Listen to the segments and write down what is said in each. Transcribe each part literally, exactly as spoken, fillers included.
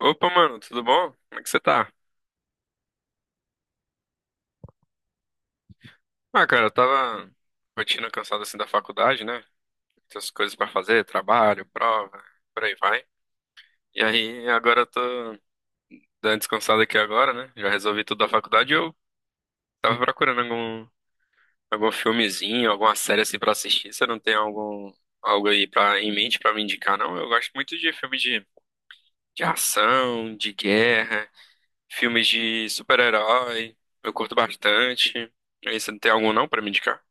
Opa, mano, tudo bom? Como é que você tá? Ah, cara, eu tava rotina cansada assim da faculdade, né? Essas coisas pra fazer, trabalho, prova, por aí vai. E aí, agora eu tô dando descansada aqui agora, né? Já resolvi tudo da faculdade e eu tava procurando algum, algum filmezinho, alguma série assim pra assistir. Você não tem algum, algo aí pra, em mente pra me indicar, não? Eu gosto muito de filme de, de ação, de guerra, filmes de super-herói. Eu curto bastante. E aí, você não tem algum não pra me indicar?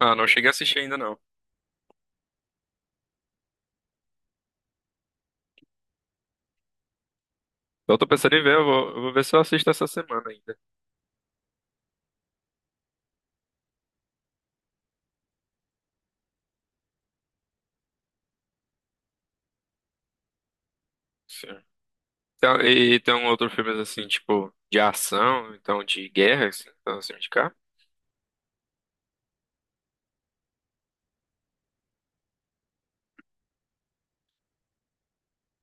Ah, não cheguei a assistir ainda não. Eu tô pensando em ver, eu vou, eu vou ver se eu assisto essa semana ainda. Sim. Então, e tem um outro filme assim, tipo, de ação, então de guerra, assim, então assim, de cá.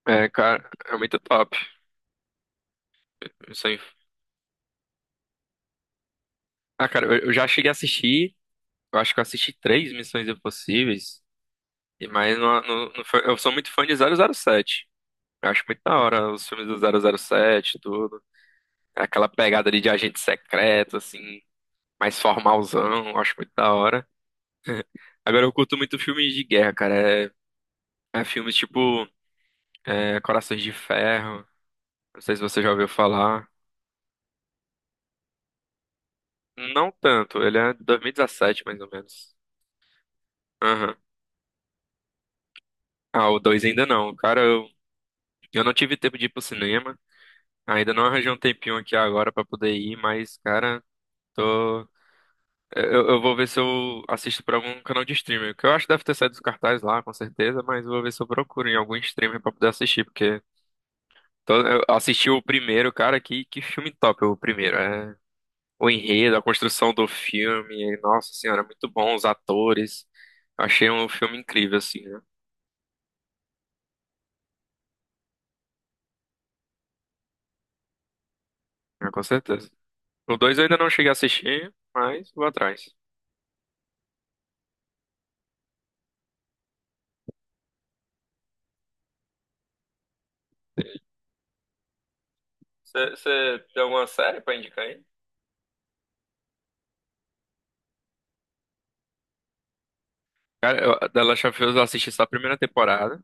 É, cara, é muito top. Isso aí. Ah, cara, eu, eu já cheguei a assistir, eu acho que eu assisti três Missões Impossíveis, e mas não, não, não foi- eu sou muito fã de zero zero sete. Eu acho muito da hora os filmes do zero zero sete e tudo. Aquela pegada ali de agente secreto, assim, mais formalzão, eu acho muito da hora. Agora eu curto muito filmes de guerra, cara. É, é filmes tipo é, Corações de Ferro. Não sei se você já ouviu falar. Não tanto, ele é de dois mil e dezessete, mais ou menos. Aham. Ah, o dois ainda não. Cara, eu, eu não tive tempo de ir pro cinema. Ainda não arranjei um tempinho aqui agora pra poder ir, mas, cara, tô. é, Eu, eu vou ver se eu assisto por algum canal de streaming. Que eu acho que deve ter saído dos cartazes lá, com certeza, mas eu vou ver se eu procuro em algum streamer pra poder assistir, porque. Então, eu assisti o primeiro, cara, que, que filme top o primeiro. É, o enredo, a construção do filme, nossa senhora, muito bom, os atores. Eu achei um filme incrível, assim, né? É, com certeza. O dois eu ainda não cheguei a assistir, mas vou atrás. Você tem alguma série pra indicar aí? Cara, eu, The Last of Us eu assisti só a primeira temporada,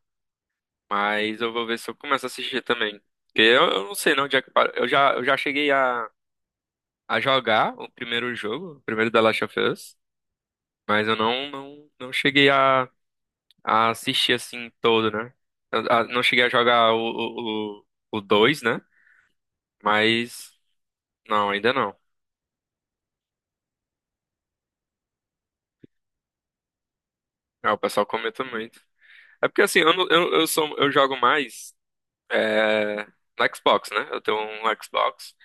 mas eu vou ver se eu começo a assistir também. Porque eu, eu não sei não onde é que para. Eu já, eu já cheguei a, a jogar o primeiro jogo, o primeiro The Last of Us, mas eu não, não, não cheguei a, a assistir assim todo, né? Eu- ah, Não cheguei a jogar o, o, o, o dois, né? Mas não, ainda não. Ah, o pessoal comenta muito. É porque assim, eu, não- eu, eu sou eu jogo mais é, no Xbox, né? Eu tenho um Xbox.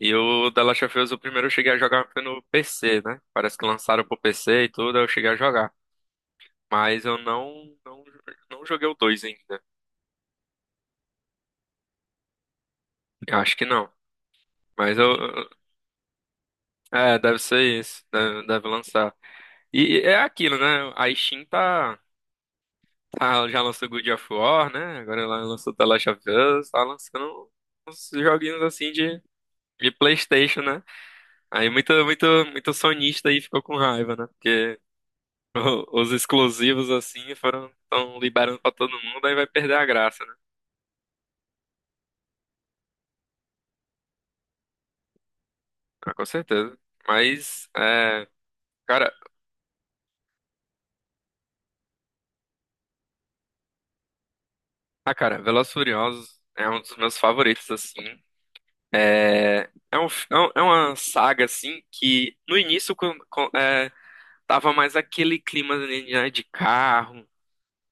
E o The Last of Us, o primeiro eu cheguei a jogar foi no P C, né? Parece que lançaram pro P C e tudo, aí eu cheguei a jogar. Mas eu não, não, não joguei o dois ainda. Eu acho que não. Mas eu. eu- É, deve ser isso. Deve, deve lançar. E é aquilo, né? A Steam tá, tá- já lançou God of War, né? Agora ela lançou The Last of Us, tá lançando uns joguinhos assim de, de PlayStation, né? Aí muito, muito, muito sonista aí ficou com raiva, né? Porque o- os exclusivos assim foram tão liberando pra todo mundo, aí vai perder a graça, né? Ah, com certeza. Mas, é, cara, ah, cara, Velozes e Furiosos é um dos meus favoritos, assim. É, é, um, f- é um- é uma saga, assim, que no início, quando, tava mais aquele clima, né, de carro,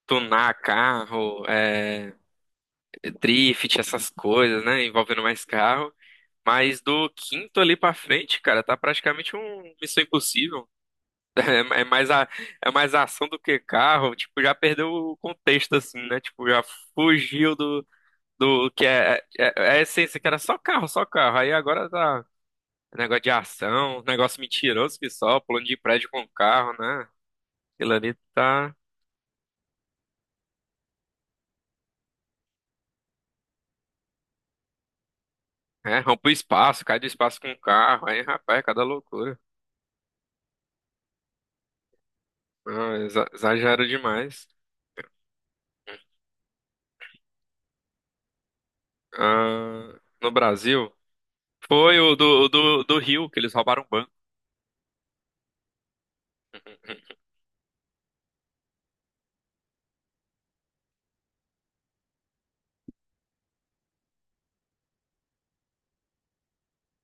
tunar carro, é, drift, essas coisas, né? Envolvendo mais carro. Mas do quinto ali pra frente, cara, tá praticamente um Missão Impossível. É, é mais a, é mais ação do que carro. Tipo, já perdeu o contexto, assim, né? Tipo, já fugiu do, do que é, é, é é a essência, que era só carro, só carro. Aí agora tá negócio de ação, negócio mentiroso que só, pulando de prédio com carro, né? Aquilo ali tá. É, rompe o espaço, cai do espaço com o carro. Aí, rapaz, é cada loucura. Não, exa- exagero demais. Ah, no Brasil, foi o do, o do, do Rio, que eles roubaram o banco.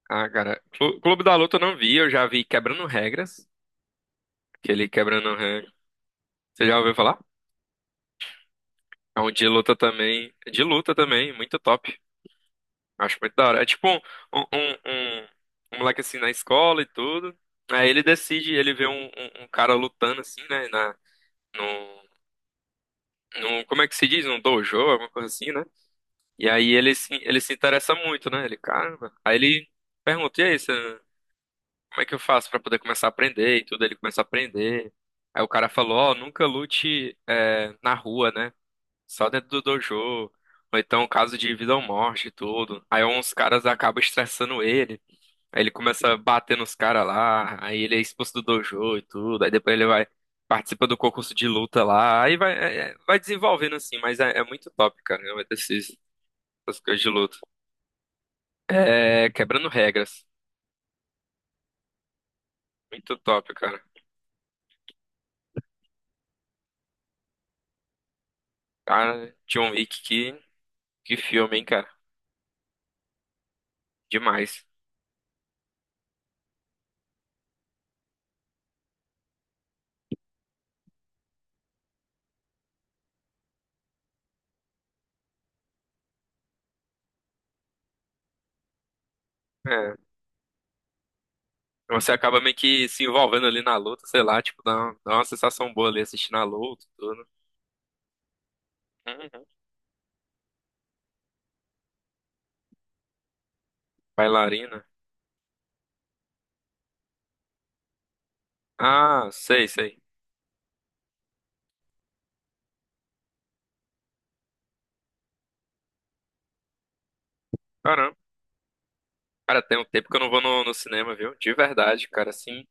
Ah, cara, Clu- Clube da Luta eu não vi, eu já vi Quebrando Regras, aquele Quebrando Regras. Você já ouviu falar? É um de luta também, de luta também, muito top. Acho muito da hora. É tipo um, um, um, um- um moleque assim na escola e tudo. Aí ele decide, ele vê um, um, um cara lutando assim, né, na, num, como é que se diz? Num dojo, alguma coisa assim, né? E aí ele se, ele se interessa muito, né? Ele, caramba. Aí ele pergunta, e aí, você, como é que eu faço pra poder começar a aprender e tudo? Ele começa a aprender. Aí o cara falou, ó, nunca lute é, na rua, né? Só dentro do dojo. Ou então caso de vida ou morte e tudo. Aí uns caras acabam estressando ele. Aí ele começa a bater nos caras lá, aí ele é expulso do dojo e tudo, aí depois ele vai, participa do concurso de luta lá, aí vai, é- é- vai desenvolvendo assim, mas é, é muito top, cara, né, esses, essas coisas de luta. É, quebrando regras, muito top, cara. Cara, John Wick, que, que filme, hein, cara, demais. É, você acaba meio que se envolvendo ali na luta, sei lá, tipo, dá uma, dá uma sensação boa ali assistindo a luta, e tudo. Uhum. Bailarina. Ah, sei, sei. Caramba. Cara, tem um tempo que eu não vou no, no cinema, viu? De verdade, cara, assim,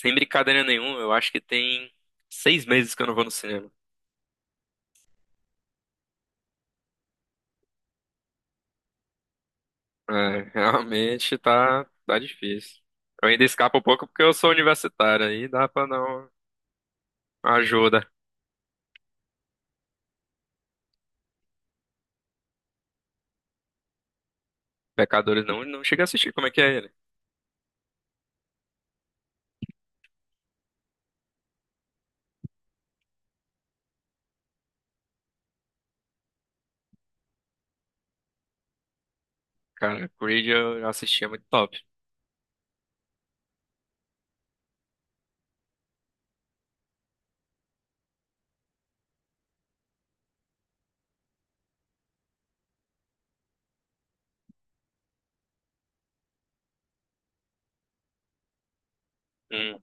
sem brincadeira nenhuma, eu acho que tem seis meses que eu não vou no cinema. É, realmente tá, tá difícil. Eu ainda escapo um pouco porque eu sou universitário, aí dá pra dar uma ajuda. Pecadores não, não chega a assistir, como é que é ele? Cara, Creed eu assistia muito top. Hum,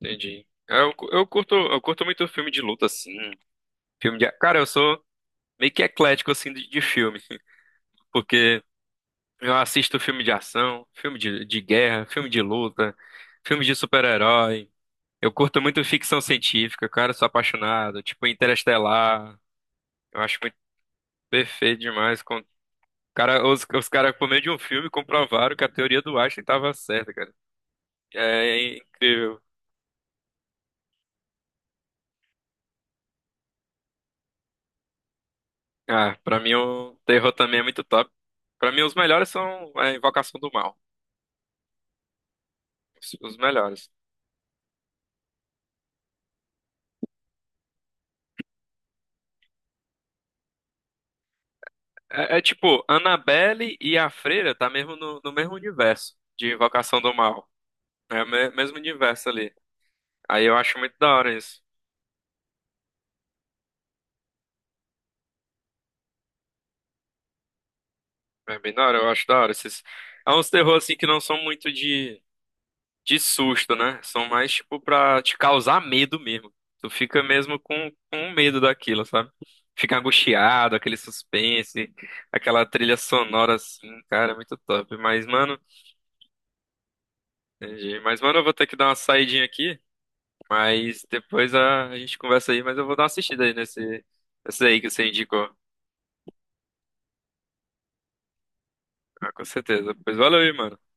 entendi. Eu, cu- eu curto, eu curto muito filme de luta, assim. Filme de. Cara, eu sou meio que eclético, assim, de, de filme, porque. Eu assisto filme de ação, filme de, de guerra, filme de luta, filme de super-herói. Eu curto muito ficção científica, cara, sou apaixonado. Tipo, Interestelar. Eu acho muito perfeito demais. Com. Cara, os, os caras, por meio de um filme, comprovaram que a teoria do Einstein tava certa, cara. É incrível. Ah, pra mim o terror também é muito top. Pra mim os melhores são a Invocação do Mal. Os, os melhores. É, é tipo, Annabelle e a Freira tá mesmo no, no mesmo universo de Invocação do Mal. É o me- mesmo universo ali. Aí eu acho muito da hora isso. É bem da hora, eu acho da hora esses. É uns terror assim que não são muito de, de susto, né? São mais tipo pra te causar medo mesmo. Tu fica mesmo com, com medo daquilo, sabe? Fica angustiado, aquele suspense, aquela trilha sonora assim, cara, é muito top. Mas, mano, entendi. Mas, mano, eu vou ter que dar uma saidinha aqui. Mas depois a, a gente conversa aí, mas eu vou dar uma assistida aí nesse, nesse aí que você indicou. Ah, com certeza. Pois valeu aí, mano.